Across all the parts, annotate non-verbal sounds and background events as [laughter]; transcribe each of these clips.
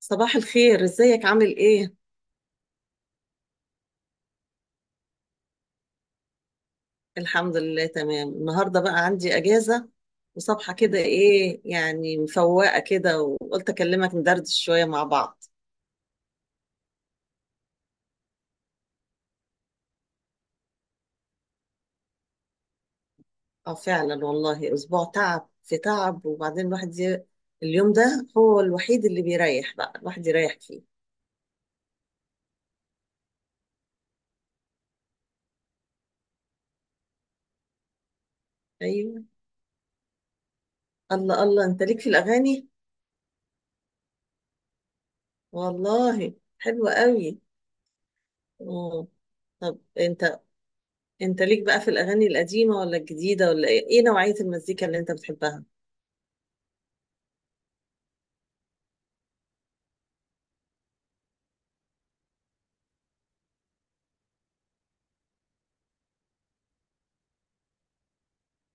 صباح الخير، ازيك؟ عامل ايه؟ الحمد لله تمام. النهارده بقى عندي اجازه وصبحه كده ايه يعني، مفوقه كده وقلت اكلمك ندردش شويه مع بعض. اه فعلا والله، اسبوع تعب في تعب. وبعدين الواحد اليوم ده هو الوحيد اللي بيريح، بقى الواحد يريح فيه. ايوه. الله الله، انت ليك في الاغاني؟ والله حلوة قوي. اه. طب انت ليك بقى في الاغاني القديمه ولا الجديده ولا ايه؟ ايه نوعيه المزيكا اللي انت بتحبها؟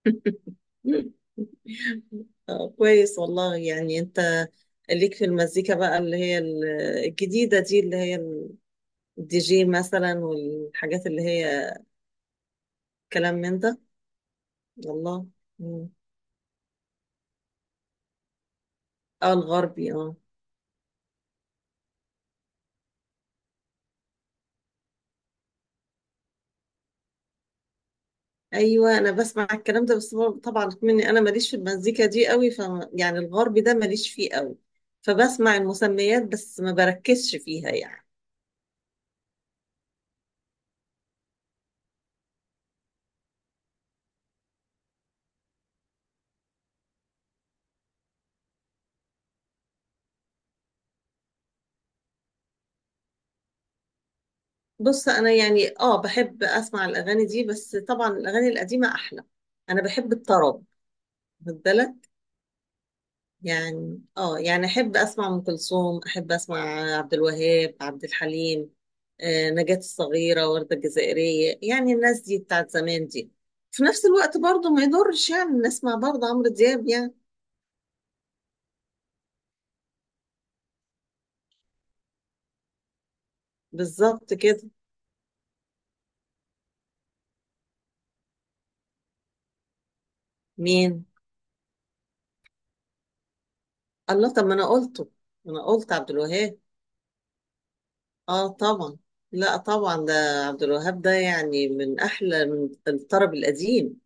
[laughs] آه، كويس والله. يعني انت ليك في المزيكا بقى اللي هي الجديدة دي، اللي هي الدي جي مثلا والحاجات اللي هي كلام من ده؟ والله. مم. اه، الغربي اه. ايوه انا بسمع الكلام ده، بس طبعا مني، انا ماليش في المزيكا دي قوي. ف يعني الغربي ده ماليش فيه قوي، فبسمع المسميات بس، ما بركزش فيها يعني. بص، انا يعني اه بحب اسمع الاغاني دي، بس طبعا الاغاني القديمة احلى. انا بحب الطرب مفضلة يعني. اه يعني احب اسمع ام كلثوم، احب اسمع عبد الوهاب، عبد الحليم، نجاة الصغيرة، وردة الجزائرية، يعني الناس دي بتاعت زمان دي. في نفس الوقت برضو ما يضرش يعني نسمع برضو عمرو دياب يعني. بالظبط كده. مين؟ الله، طب ما انا قلته. ما انا قلت عبد الوهاب. اه طبعا. لا طبعا، ده عبد الوهاب ده يعني من احلى، من الطرب القديم.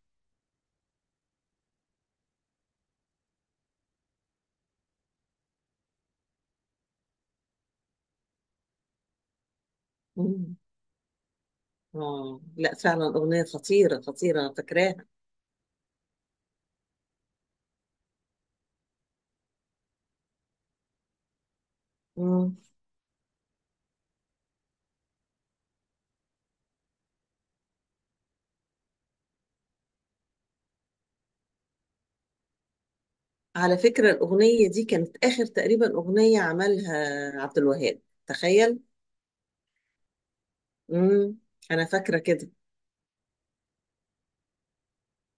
مم. اه لا فعلا، اغنية خطيرة خطيرة، أنا فاكراها. مم. على فكرة، الأغنية دي كانت آخر تقريبا أغنية عملها عبد الوهاب، تخيل. امم أنا فاكرة كده.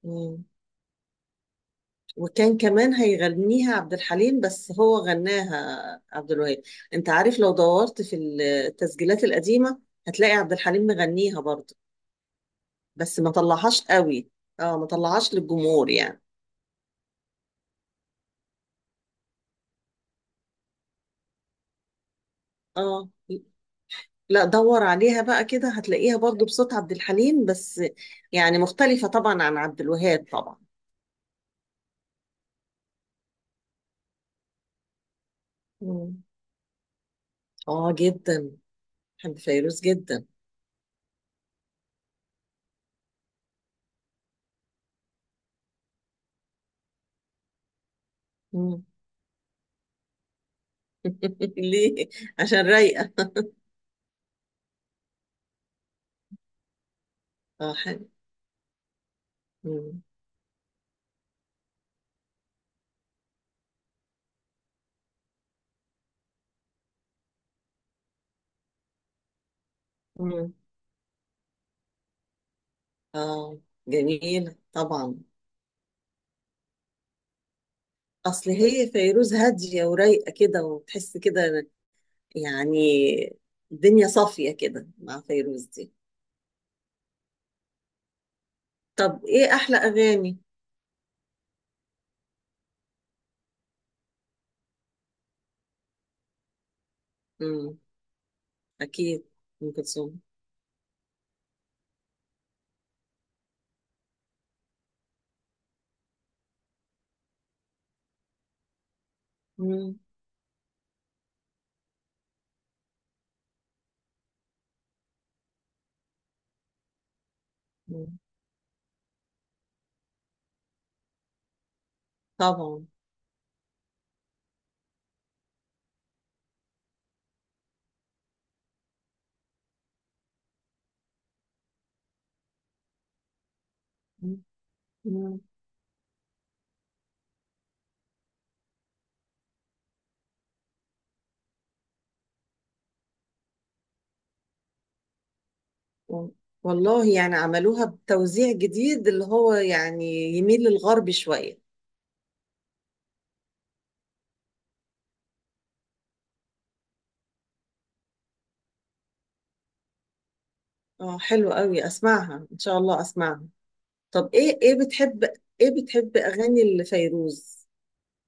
مم. وكان كمان هيغنيها عبد الحليم، بس هو غناها عبد الوهاب. أنت عارف لو دورت في التسجيلات القديمة هتلاقي عبد الحليم مغنيها برضه، بس ما طلعهاش قوي. اه ما طلعهاش للجمهور يعني. اه لا، دور عليها بقى كده هتلاقيها برضه بصوت عبد الحليم، بس يعني مختلفة طبعا عن عبد الوهاب طبعا. مم. اه جدا، بحب فيروز جدا. مم. [laughs] ليه؟ عشان رايقه. اه حلو. مم. مم. اه جميله طبعا. اصل هي فيروز هاديه ورايقه كده، وتحس كده يعني الدنيا صافيه كده مع فيروز دي. طب ايه احلى اغاني؟ مم. اكيد ام كلثوم. مم. مم. طبعا. مم. مم. و- والله يعني عملوها بتوزيع جديد، اللي هو يعني يميل للغرب شويه. اه حلو قوي، اسمعها ان شاء الله، اسمعها. طب ايه، ايه بتحب؟ ايه بتحب اغاني لفيروز،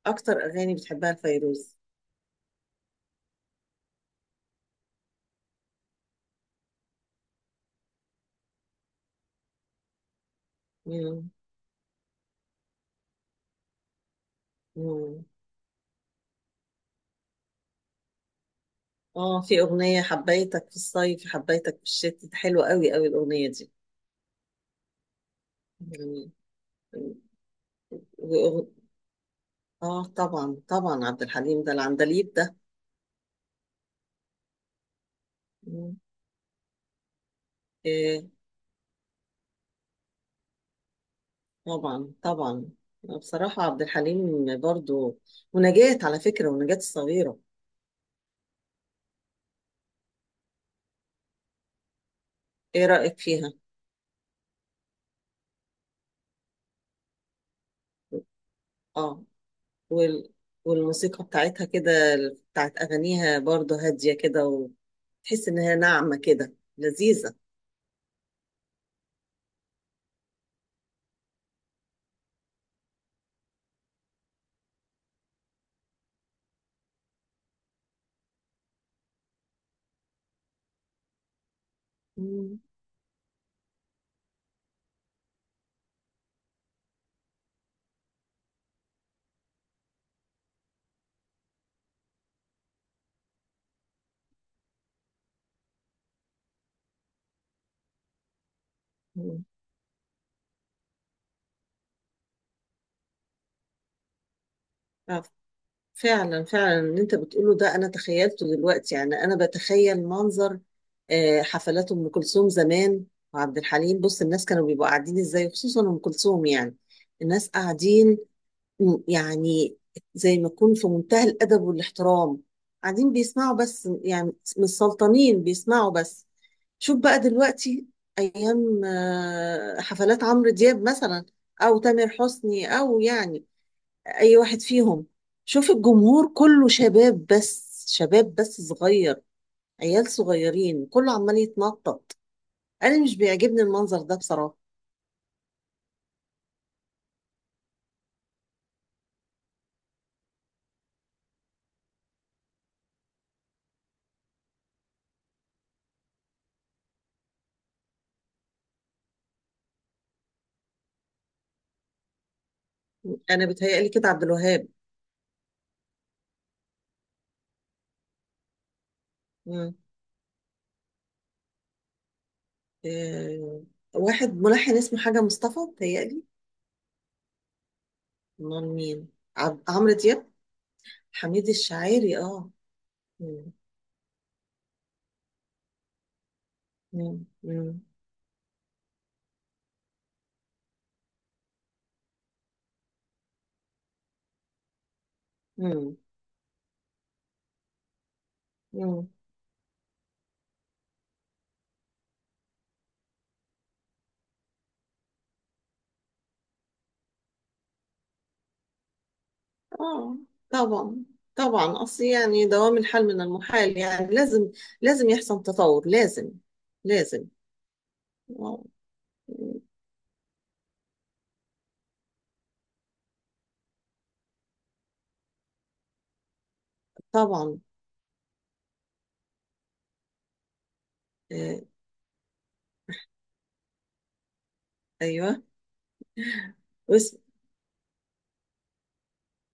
اكتر اغاني بتحبها لفيروز؟ مم. مم. اه، في اغنية حبيتك في الصيف حبيتك في الشتاء، حلوة قوي قوي الاغنية دي يعني. وأغ... اه طبعا طبعا، عبد الحليم ده العندليب ده. مم. إيه. طبعا طبعا. بصراحة عبد الحليم برضو، ونجاة على فكرة، ونجاة الصغيرة، ايه رأيك فيها؟ اه، وال... والموسيقى بتاعتها كده، بتاعت أغانيها برضو هادية كده، وتحس إنها ناعمة كده، لذيذة. مم. مم. آه، فعلا فعلا اللي أنت بتقوله ده. أنا تخيلته دلوقتي، يعني أنا بتخيل منظر حفلات أم كلثوم زمان وعبد الحليم، بص الناس كانوا بيبقوا قاعدين إزاي، خصوصا أم كلثوم يعني. الناس قاعدين يعني زي ما يكون في منتهى الأدب والاحترام، قاعدين بيسمعوا بس يعني، مش سلطانين بيسمعوا بس. شوف بقى دلوقتي أيام حفلات عمرو دياب مثلا، أو تامر حسني، أو يعني أي واحد فيهم. شوف الجمهور كله شباب بس، شباب بس صغير، عيال صغيرين كله عمال يتنطط. أنا مش بيعجبني المنظر ده بصراحة. أنا بتهيألي كده عبد الوهاب. آه، واحد ملحن اسمه حاجة مصطفى بتهيألي. امال مين؟ عمرو دياب. حميد الشاعري، اه. مم. مم. مم. مم. مم. اه طبعا طبعا، اصل يعني دوام الحال من المحال يعني. لازم، لازم يحصل تطور، لازم، لازم. آه. طبعا. آه. ايوه. واسم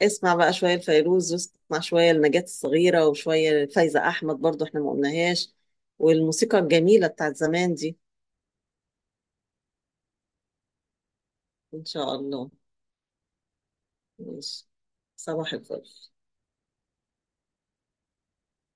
اسمع بقى شوية لفيروز، واسمع شوية لنجاة الصغيرة، وشوية لفايزة أحمد برضو، احنا ما قلناهاش، والموسيقى الجميلة بتاعت زمان دي. إن شاء الله. ماشي، صباح الفل.